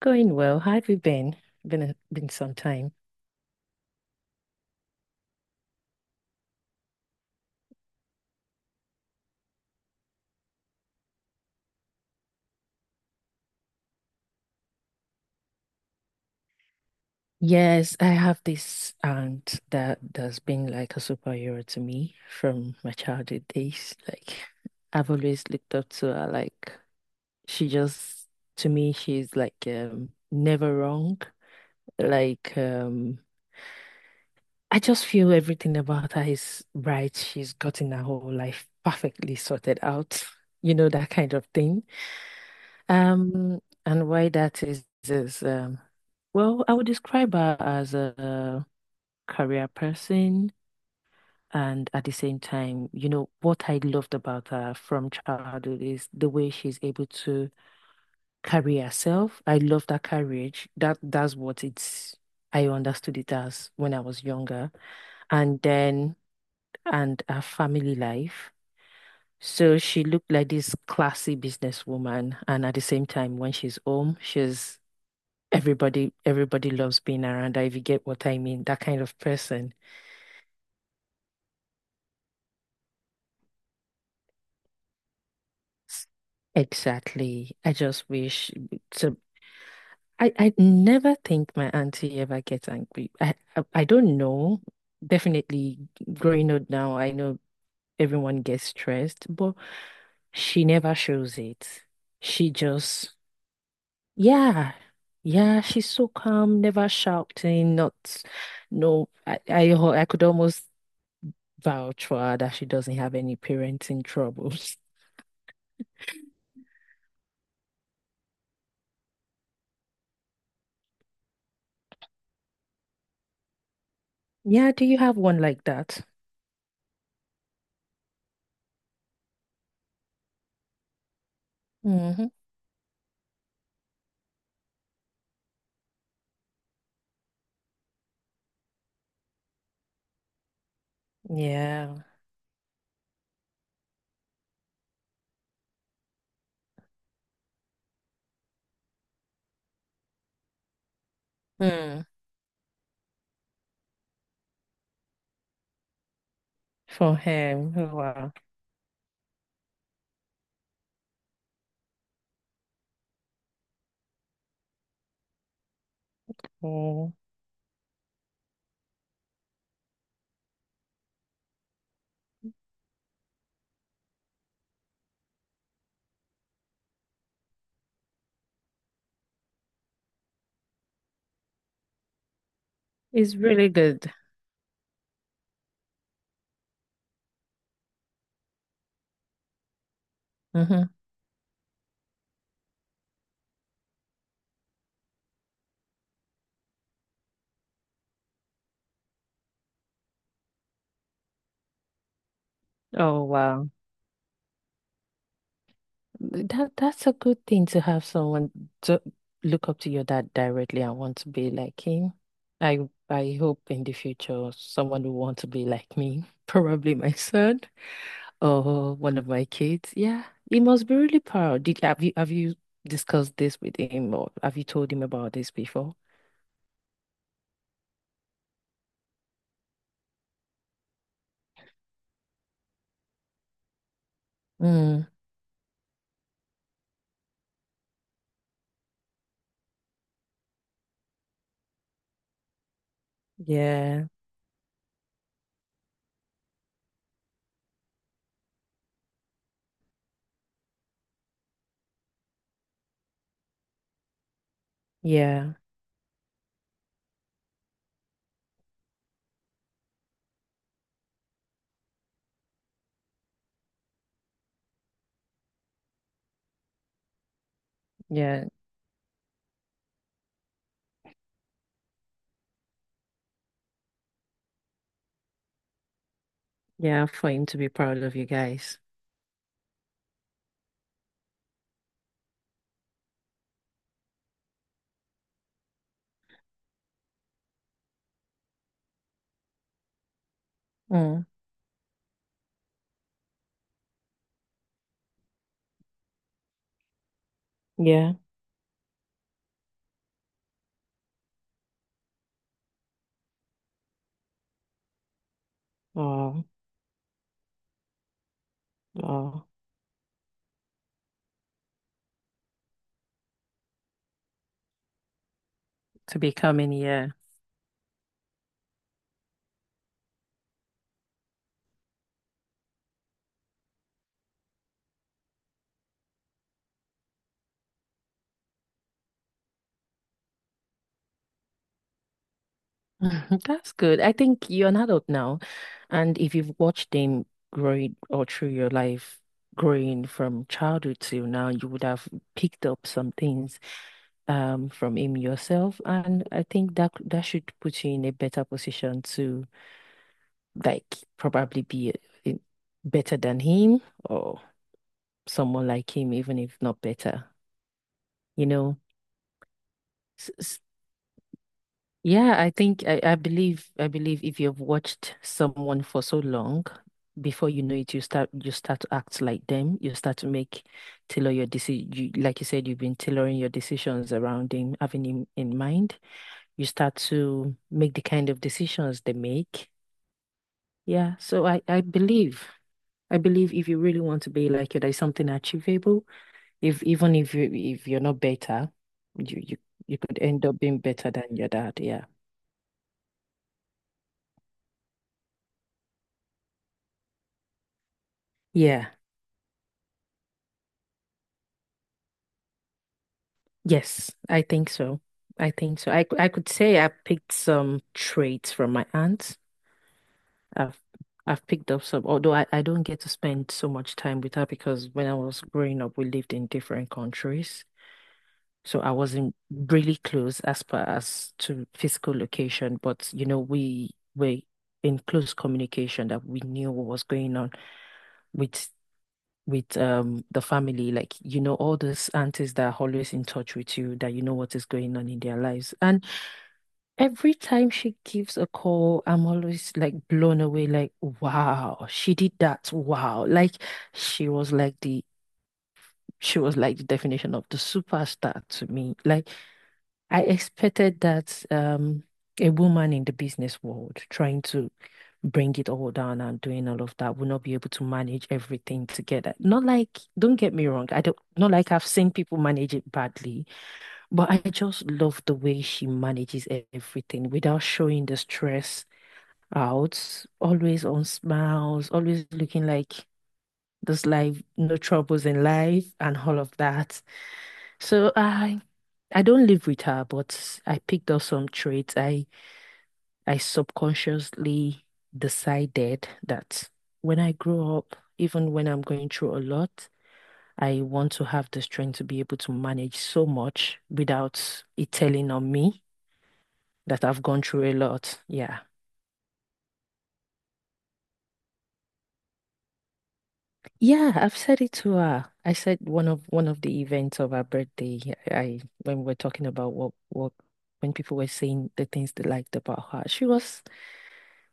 Going well. How have you been? Been some time. Yes, I have this aunt that has been like a superhero to me from my childhood days. Like I've always looked up to her. Like she just to me, she's like never wrong. Like I just feel everything about her is right. She's gotten her whole life perfectly sorted out. You know, that kind of thing. Um, and why that is, well, I would describe her as a career person, and at the same time, you know, what I loved about her from childhood is the way she's able to carry herself. I love that courage. That's what it's. I understood it as when I was younger, and then and her family life. So she looked like this classy businesswoman, and at the same time, when she's home, she's everybody loves being around her, if you get what I mean, that kind of person. Exactly. I just wish so I never think my auntie ever gets angry. I don't know. Definitely growing up now, I know everyone gets stressed, but she never shows it. She just yeah. Yeah, she's so calm, never shouting, not no I could almost vouch for her that she doesn't have any parenting troubles. Yeah, do you have one like that? Hmm. Yeah. Mm. For him. Oh, wow. Mm. It's really good. Hmm. Oh, wow. That's a good thing to have someone to look up to your dad directly and want to be like him. I hope in the future someone will want to be like me, probably my son or one of my kids. Yeah, he must be really proud. Did have you discussed this with him or have you told him about this before? Mm, yeah, yeah, yeah, yeah. For him to be proud of you guys. Mm, yeah. Oh, oh, to becoming yeah. That's good. I think you're an adult now. And if you've watched them growing all through your life, growing from childhood till now, you would have picked up some things from him yourself. And I think that that should put you in a better position to like probably be in- better than him or someone like him, even if not better, you know. Yeah, I think I believe if you've watched someone for so long, before you know it, you start to act like them. You start to make tailor your decision. You, like you said, you've been tailoring your decisions around him, having him in mind. You start to make the kind of decisions they make. Yeah, so I believe if you really want to be like you, there's something achievable. If even if you're not better, you you you could end up being better than your dad. Yeah, yeah. Yes, I think so. I think so. I, c- I could say I picked some traits from my aunt. I've I've picked up some, although I don't get to spend so much time with her because when I was growing up, we lived in different countries. So I wasn't really close as far as to physical location, but you know, we were in close communication that we knew what was going on with with the family, like you know all those aunties that are always in touch with you that you know what is going on in their lives and every time she gives a call, I'm always like blown away, like, wow, she did that. Wow. Like she was like the she was like the definition of the superstar to me. Like I expected that a woman in the business world trying to bring it all down and doing all of that would not be able to manage everything together. Not like, don't get me wrong, I don't not like I've seen people manage it badly. But I just love the way she manages e- everything without showing the stress out, always on smiles, always looking like this life, no troubles in life and all of that. So I don't live with her, but I picked up some traits. I subconsciously decided that when I grow up, even when I'm going through a lot, I want to have the strength to be able to manage so much without it telling on me. That I've gone through a lot. Yeah. Yeah, I've said it to her. I said one of the events of her birthday, I when we're talking about what when people were saying the things they liked about her, she was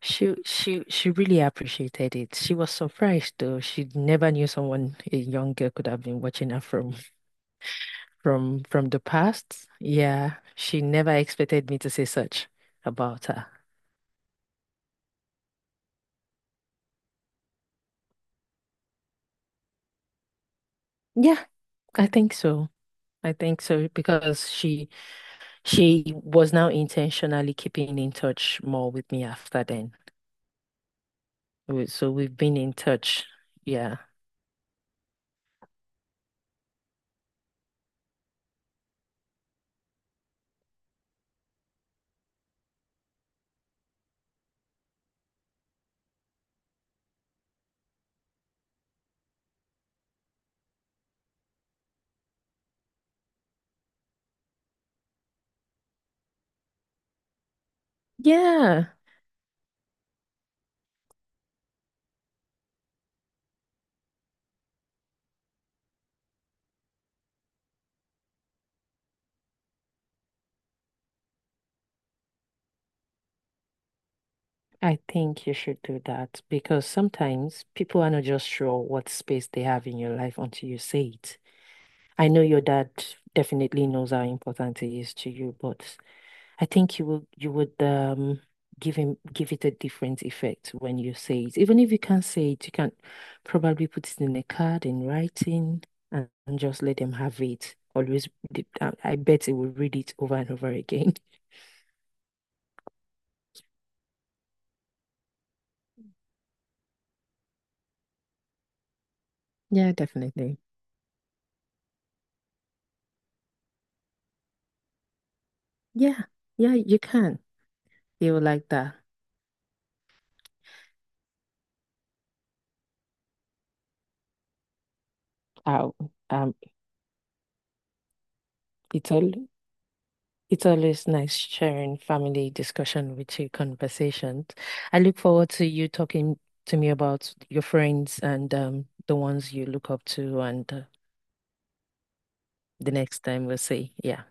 she she she really appreciated it. She was surprised though. She never knew someone a young girl could have been watching her from from the past. Yeah, she never expected me to say such about her. Yeah, I think so. I think so because she was now intentionally keeping in touch more with me after then. We- So we've been in touch. Yeah. Yeah. I think you should do that because sometimes people are not just sure what space they have in your life until you say it. I know your dad definitely knows how important it is to you, but I think you will you would give him give it a different effect when you say it. Even if you can't say it, you can probably put it in a card in writing and just let them have it. Always, read it. I bet they will read it over and over again. Yeah, definitely. Yeah, yeah, you can. They will like that. Oh, Um, it's all. It's always nice sharing family discussion with you, conversations. I look forward to you talking to me about your friends and the ones you look up to, and the next time we'll see. Yeah.